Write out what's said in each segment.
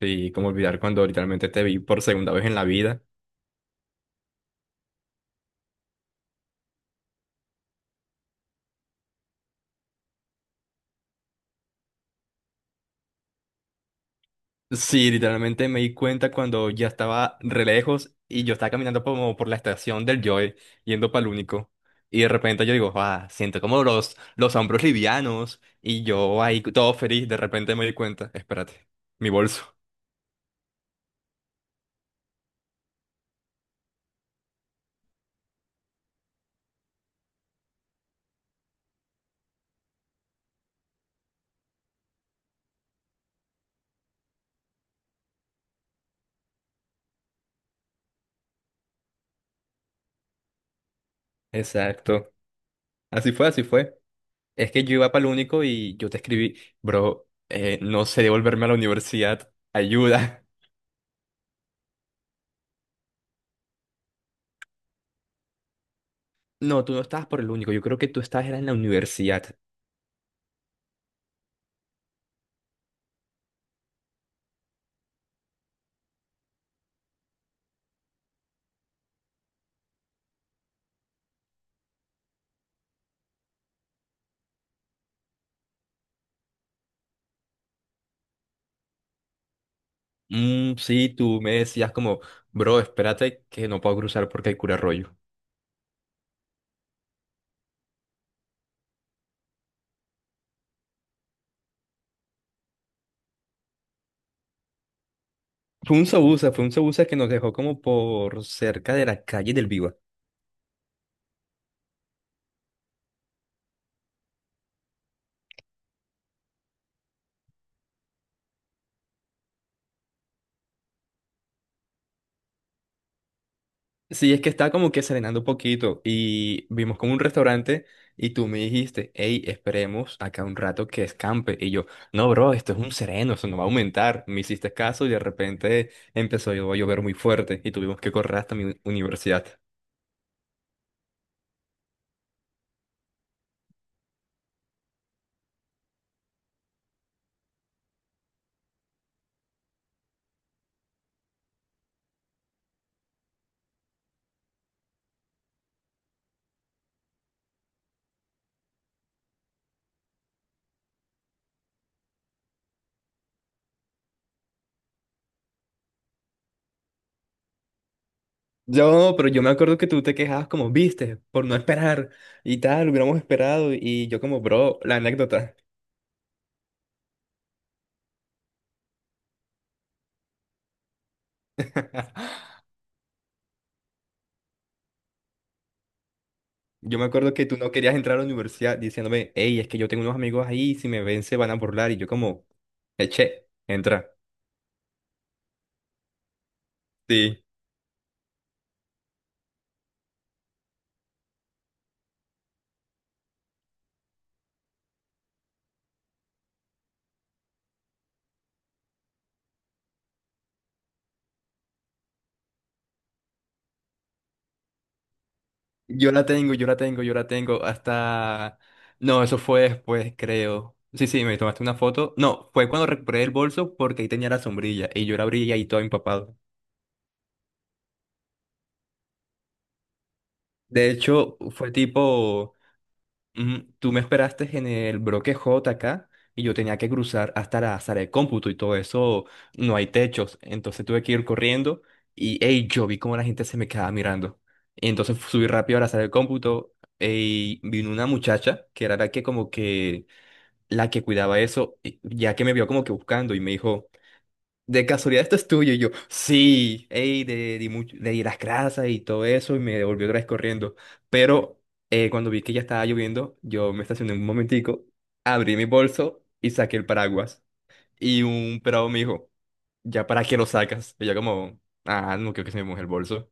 Sí, cómo olvidar cuando literalmente te vi por segunda vez en la vida. Sí, literalmente me di cuenta cuando ya estaba re lejos y yo estaba caminando como por la estación del Joy, yendo para el único. Y de repente yo digo, ah, siento como los hombros livianos. Y yo ahí todo feliz, de repente me di cuenta, espérate, mi bolso. Exacto. Así fue, así fue. Es que yo iba para el único y yo te escribí, bro, no sé devolverme a la universidad, ayuda. No, tú no estabas por el único, yo creo que tú estabas era en la universidad. Mm, sí, tú me decías como, bro, espérate que no puedo cruzar porque hay cura rollo. Fue un sabusa que nos dejó como por cerca de la calle del Viva. Sí, es que estaba como que serenando un poquito y vimos como un restaurante y tú me dijiste, hey, esperemos acá un rato que escampe. Y yo, no, bro, esto es un sereno, eso no va a aumentar. Me hiciste caso y de repente empezó a llover muy fuerte y tuvimos que correr hasta mi universidad. Yo, pero yo me acuerdo que tú te quejabas como, viste, por no esperar y tal, hubiéramos esperado y yo como, bro, la anécdota. Yo me acuerdo que tú no querías entrar a la universidad diciéndome, hey, es que yo tengo unos amigos ahí, si me ven se van a burlar y yo como, eche, entra. Sí. Yo la tengo, yo la tengo, yo la tengo, hasta... No, eso fue después, creo. Sí, sí, me tomaste una foto. No, fue cuando recuperé el bolso porque ahí tenía la sombrilla y yo la abrí y ahí todo empapado. De hecho, fue tipo... Ujú. Tú me esperaste en el bloque J acá y yo tenía que cruzar hasta la sala de cómputo y todo eso, no hay techos, entonces tuve que ir corriendo y ey, yo vi cómo la gente se me quedaba mirando. Y entonces subí rápido a la sala de cómputo y vino una muchacha que era la que como que la que cuidaba eso, y- ya que me vio como que buscando y me dijo, de casualidad, esto es tuyo. Y yo, sí, ey, de, di mucho- le di las grasas y todo eso, y me devolvió otra vez corriendo. Pero cuando vi que ya estaba lloviendo, yo me estacioné un momentico, abrí mi bolso y saqué el paraguas. Y un pelado me dijo, ¿ya para qué lo sacas? Y yo, como, ah, no creo que se me moje el bolso.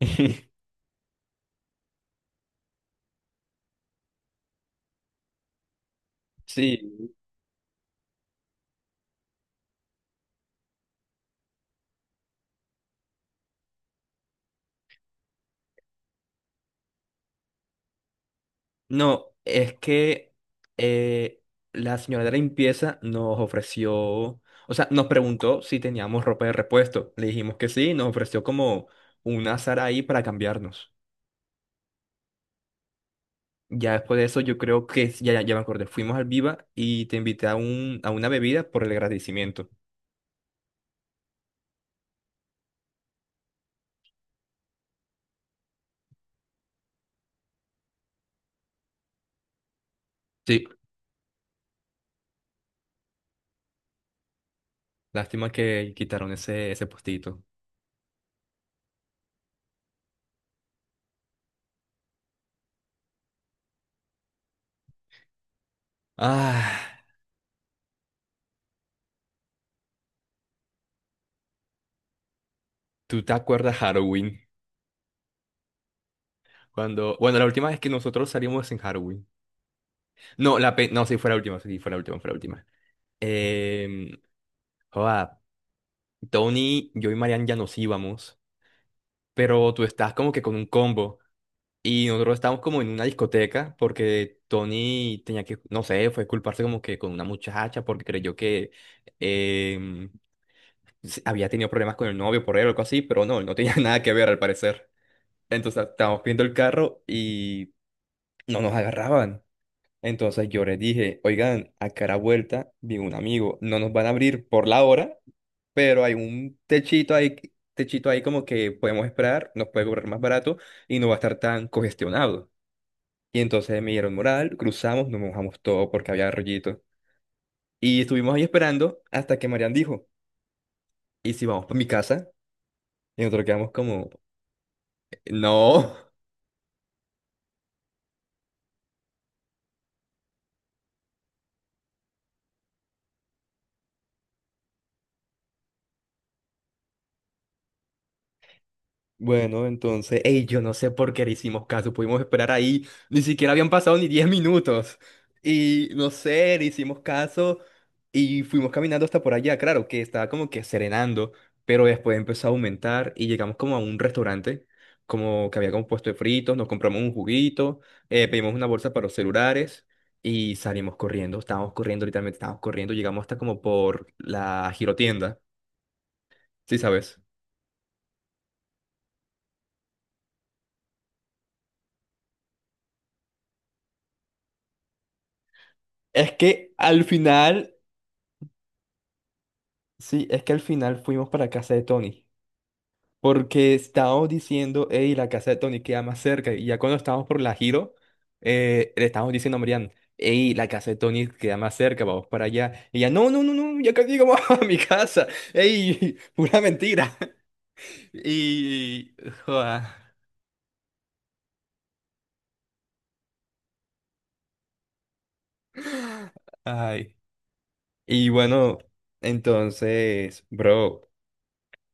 Sí. No, es que eh, la señora de la limpieza nos ofreció, o sea, nos preguntó si teníamos ropa de repuesto. Le dijimos que sí, nos ofreció como un azar ahí para cambiarnos. Ya después de eso, yo creo que, ya, ya me acordé, fuimos al Viva y te invité a, un, a una bebida por el agradecimiento. Sí, lástima que quitaron ese, ese postito. Ah, ¿tú te acuerdas Halloween? Cuando, bueno, la última vez que nosotros salimos en Halloween. No, la pe- no, sí fue la última, sí fue la última, fue la última. Eh, joda, Tony, yo y Marian ya nos íbamos, pero tú estás como que con un combo y nosotros estábamos como en una discoteca porque Tony tenía que, no sé, fue culparse como que con una muchacha porque creyó que em, se- había tenido problemas con el novio por él o algo así, pero no, no tenía nada que ver al parecer. Entonces estábamos viendo el carro y no nos agarraban. Entonces yo les dije, oigan, a cara vuelta, vi un amigo, no nos van a abrir por la hora pero hay un techito ahí como que podemos esperar, nos puede cobrar más barato y no va a estar tan congestionado. Y entonces me dieron moral, cruzamos, nos mojamos todo porque había rollito. Y estuvimos ahí esperando hasta que Marian dijo, ¿y si vamos para mi casa? Y nosotros quedamos como, no. Bueno, entonces, ey, yo no sé por qué le hicimos caso, pudimos esperar ahí, ni siquiera habían pasado ni 10 minutos. Y no sé, le hicimos caso y fuimos caminando hasta por allá, claro, que estaba como que serenando, pero después empezó a aumentar y llegamos como a un restaurante, como que había como puesto de fritos, nos compramos un juguito, pedimos una bolsa para los celulares y salimos corriendo, estábamos corriendo, literalmente estábamos corriendo, llegamos hasta como por la girotienda, ¿sí sabes? Es que al final Sí, es que al final fuimos para casa de Tony, porque estábamos diciendo, hey, la casa de Tony queda más cerca, y ya cuando estábamos por la Giro, le estábamos diciendo a Marian, hey, la casa de Tony queda más cerca, vamos para allá. Y ella, no, no, no, no, ya casi llegamos a mi casa, hey, pura mentira. Y, joda, ay. Y bueno, entonces, bro.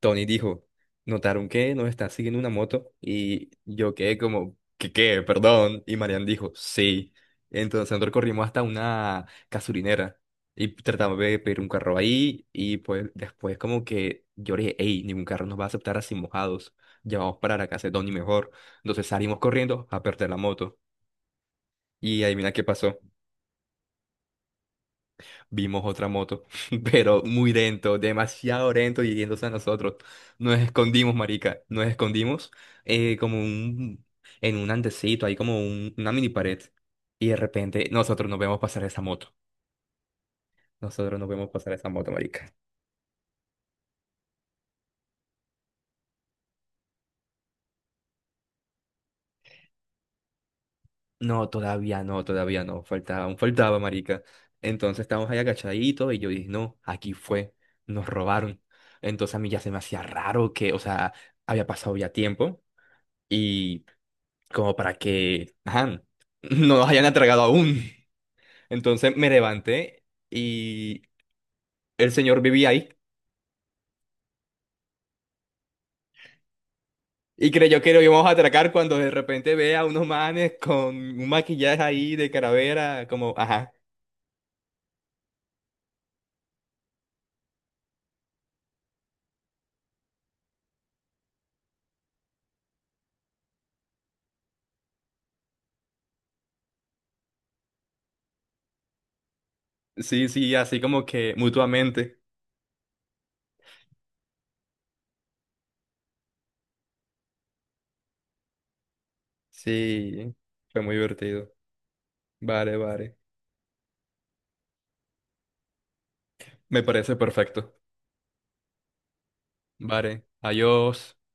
Tony dijo, notaron que nos está siguiendo una moto y yo quedé como, ¿qué qué? Perdón. Y Marian dijo, sí. Entonces nosotros corrimos hasta una casurinera y tratamos de pedir un carro ahí y pues después como que yo le dije, hey, ningún carro nos va a aceptar así mojados. Ya vamos para la casa de Tony mejor. Entonces salimos corriendo a perder la moto. Y adivina qué pasó. Vimos otra moto, pero muy lento, demasiado lento y yéndose a nosotros. Nos escondimos, marica, nos escondimos como un, en un andecito, hay como un- una mini pared. Y de repente nosotros nos vemos pasar esa moto. Nosotros nos vemos pasar esa moto, marica. No, todavía no, todavía no. Faltaba, aún faltaba, marica. Entonces estábamos ahí agachaditos y yo dije, no, aquí fue, nos robaron. Entonces a mí ya se me hacía raro que, o sea, había pasado ya tiempo y como para que, ajá, no nos hayan atragado aún. Entonces me levanté y el señor vivía ahí. Y creyó que lo íbamos a atracar cuando de repente ve a unos manes con un maquillaje ahí de calavera, como, ajá. Sí, sí, así como que mutuamente. Sí, fue muy divertido. Vale, vale. Me parece perfecto. Vale, adiós.